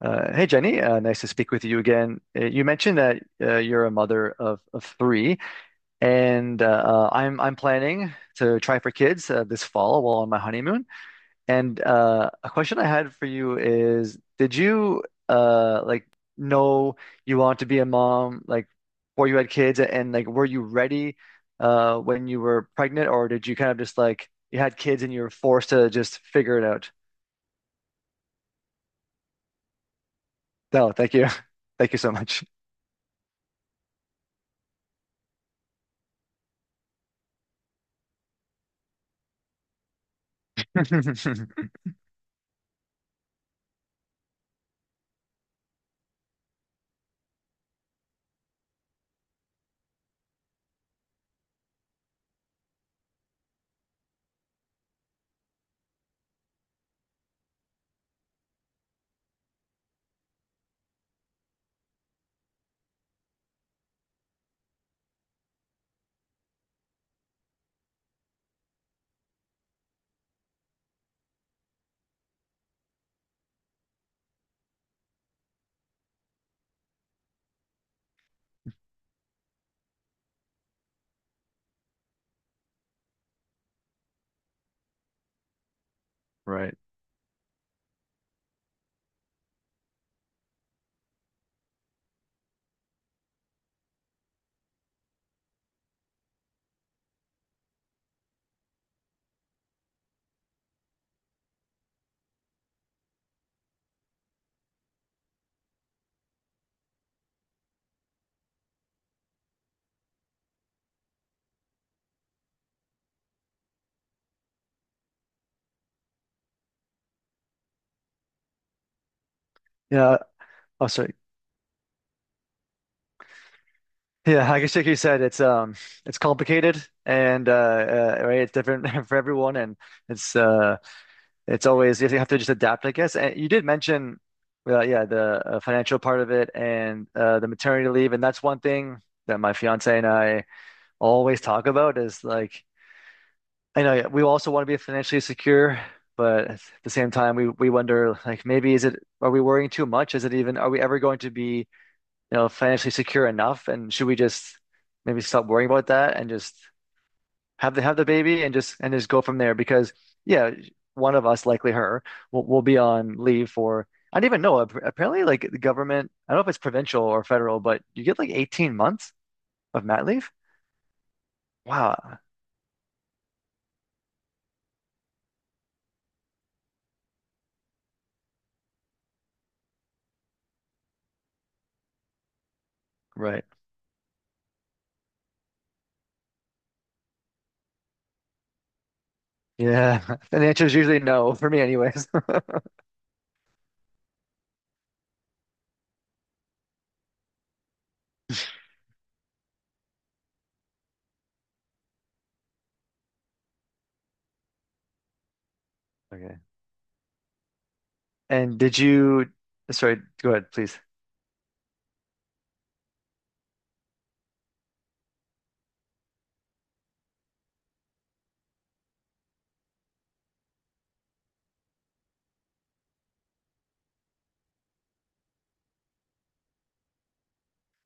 Hey, Jenny. Nice to speak with you again. You mentioned that you're a mother of three, and I'm planning to try for kids this fall while on my honeymoon. And a question I had for you is, did you like know you want to be a mom like before you had kids, and like were you ready when you were pregnant, or did you kind of just like you had kids and you were forced to just figure it out? No, thank you. Thank you so much. Right. Yeah. Oh, sorry. Yeah, I guess like you said, it's it's complicated and right, it's different for everyone, and it's uh, it's always you have to just adapt, I guess. And you did mention, yeah, the financial part of it and the maternity leave, and that's one thing that my fiance and I always talk about is like, I know, yeah, we also want to be financially secure, but at the same time, we wonder like maybe is it are we worrying too much? Is it even are we ever going to be financially secure enough? And should we just maybe stop worrying about that and just have the baby and just go from there? Because yeah, one of us, likely her, will be on leave for I don't even know. Apparently, like the government, I don't know if it's provincial or federal, but you get like 18 months of mat leave. Wow. Right. Yeah. And the answer is usually no for me anyways. Okay. And did you, sorry, go ahead, please.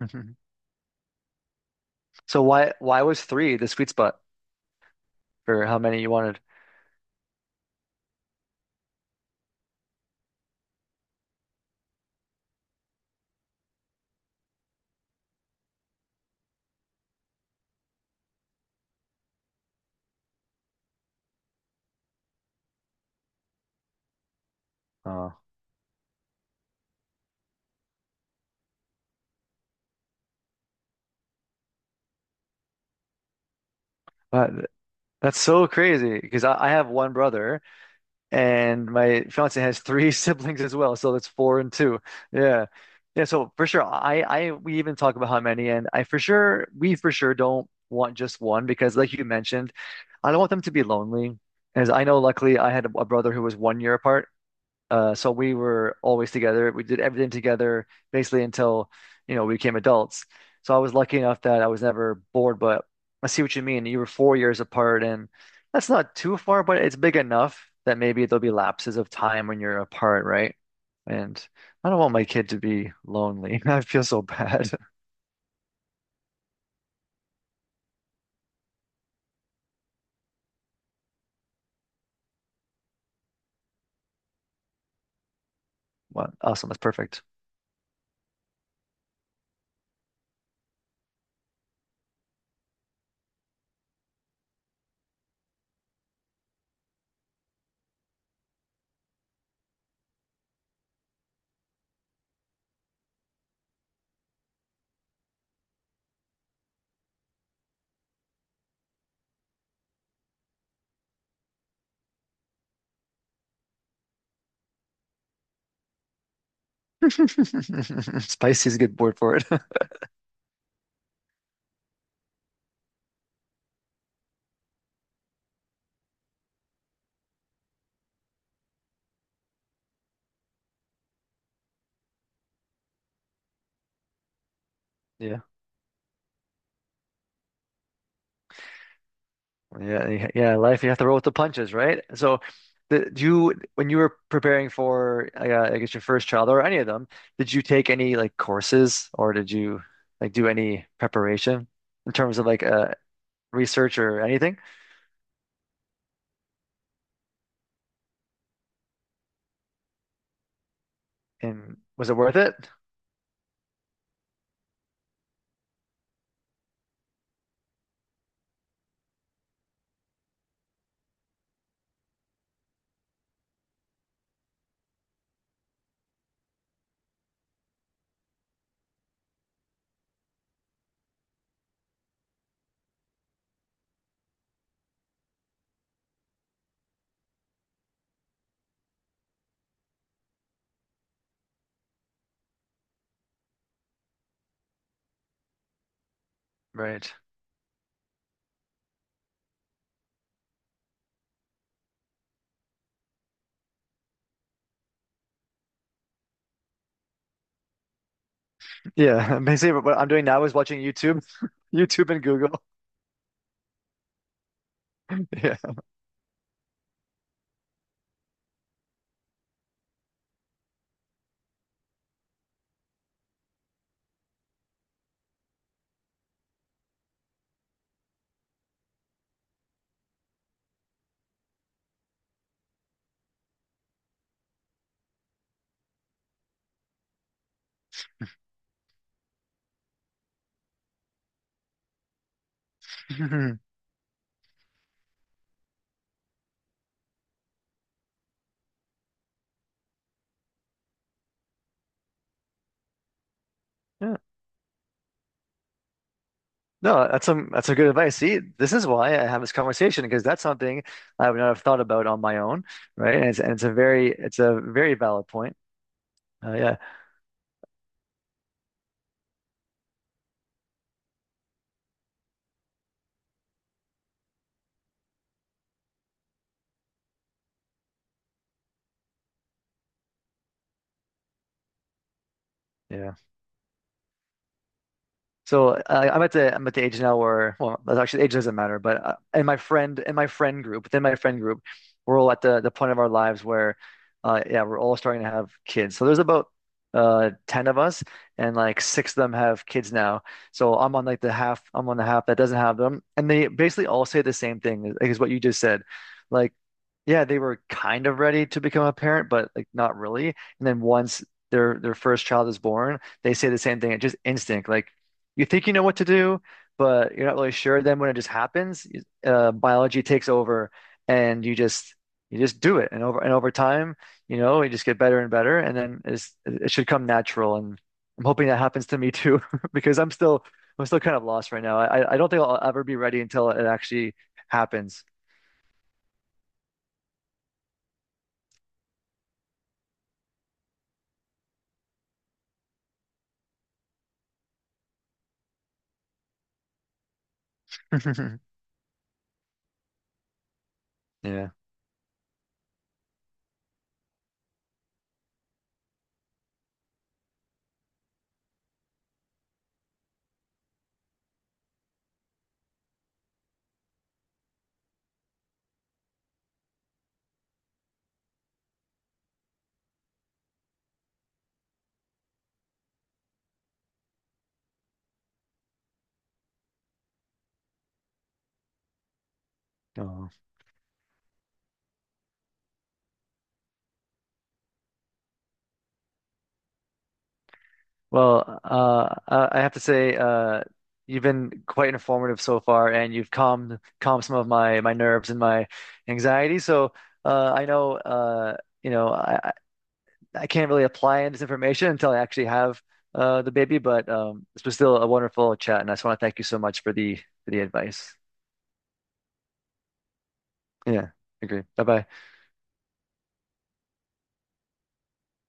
So why was three the sweet spot for how many you wanted? Oh, what? That's so crazy because I have one brother and my fiance has three siblings as well. So that's four and two. Yeah. Yeah. So for sure, we even talk about how many, and we for sure don't want just one because, like you mentioned, I don't want them to be lonely. As I know, luckily, I had a brother who was 1 year apart. So we were always together. We did everything together basically until, you know, we became adults. So I was lucky enough that I was never bored, but I see what you mean. You were 4 years apart, and that's not too far, but it's big enough that maybe there'll be lapses of time when you're apart, right? And I don't want my kid to be lonely. I feel so bad. Well, awesome. That's perfect. Spicy is a good word for it. Yeah. Yeah, yeah, life you have to roll with the punches, right? So, the, do you when you were preparing for I guess your first child or any of them, did you take any like courses or did you like do any preparation in terms of research or anything? And was it worth it? Right. Yeah, basically what I'm doing now is watching YouTube, YouTube and Google. Yeah. Yeah. No, that's some good advice. See, this is why I have this conversation because that's something I would not have thought about on my own, right? And it's a very valid point. Yeah, yeah. So I'm at the age now where well that's actually age doesn't matter but and my friend group we're all at the point of our lives where yeah we're all starting to have kids so there's about 10 of us and like six of them have kids now so I'm on like the half I'm on the half that doesn't have them and they basically all say the same thing like is what you just said like yeah they were kind of ready to become a parent but like not really and then once their first child is born they say the same thing it's just instinct like you think you know what to do, but you're not really sure. Then when it just happens, biology takes over, and you just do it. And over time, you know, you just get better and better, and then it's, it should come natural. And I'm hoping that happens to me too, because I'm still kind of lost right now. I don't think I'll ever be ready until it actually happens. Yeah. Oh. Well, I have to say, you've been quite informative so far, and you've calmed some of my nerves and my anxiety. So, I know, you know, I can't really apply this information until I actually have the baby, but this was still a wonderful chat, and I just want to thank you so much for the advice. Yeah, agree. Bye bye.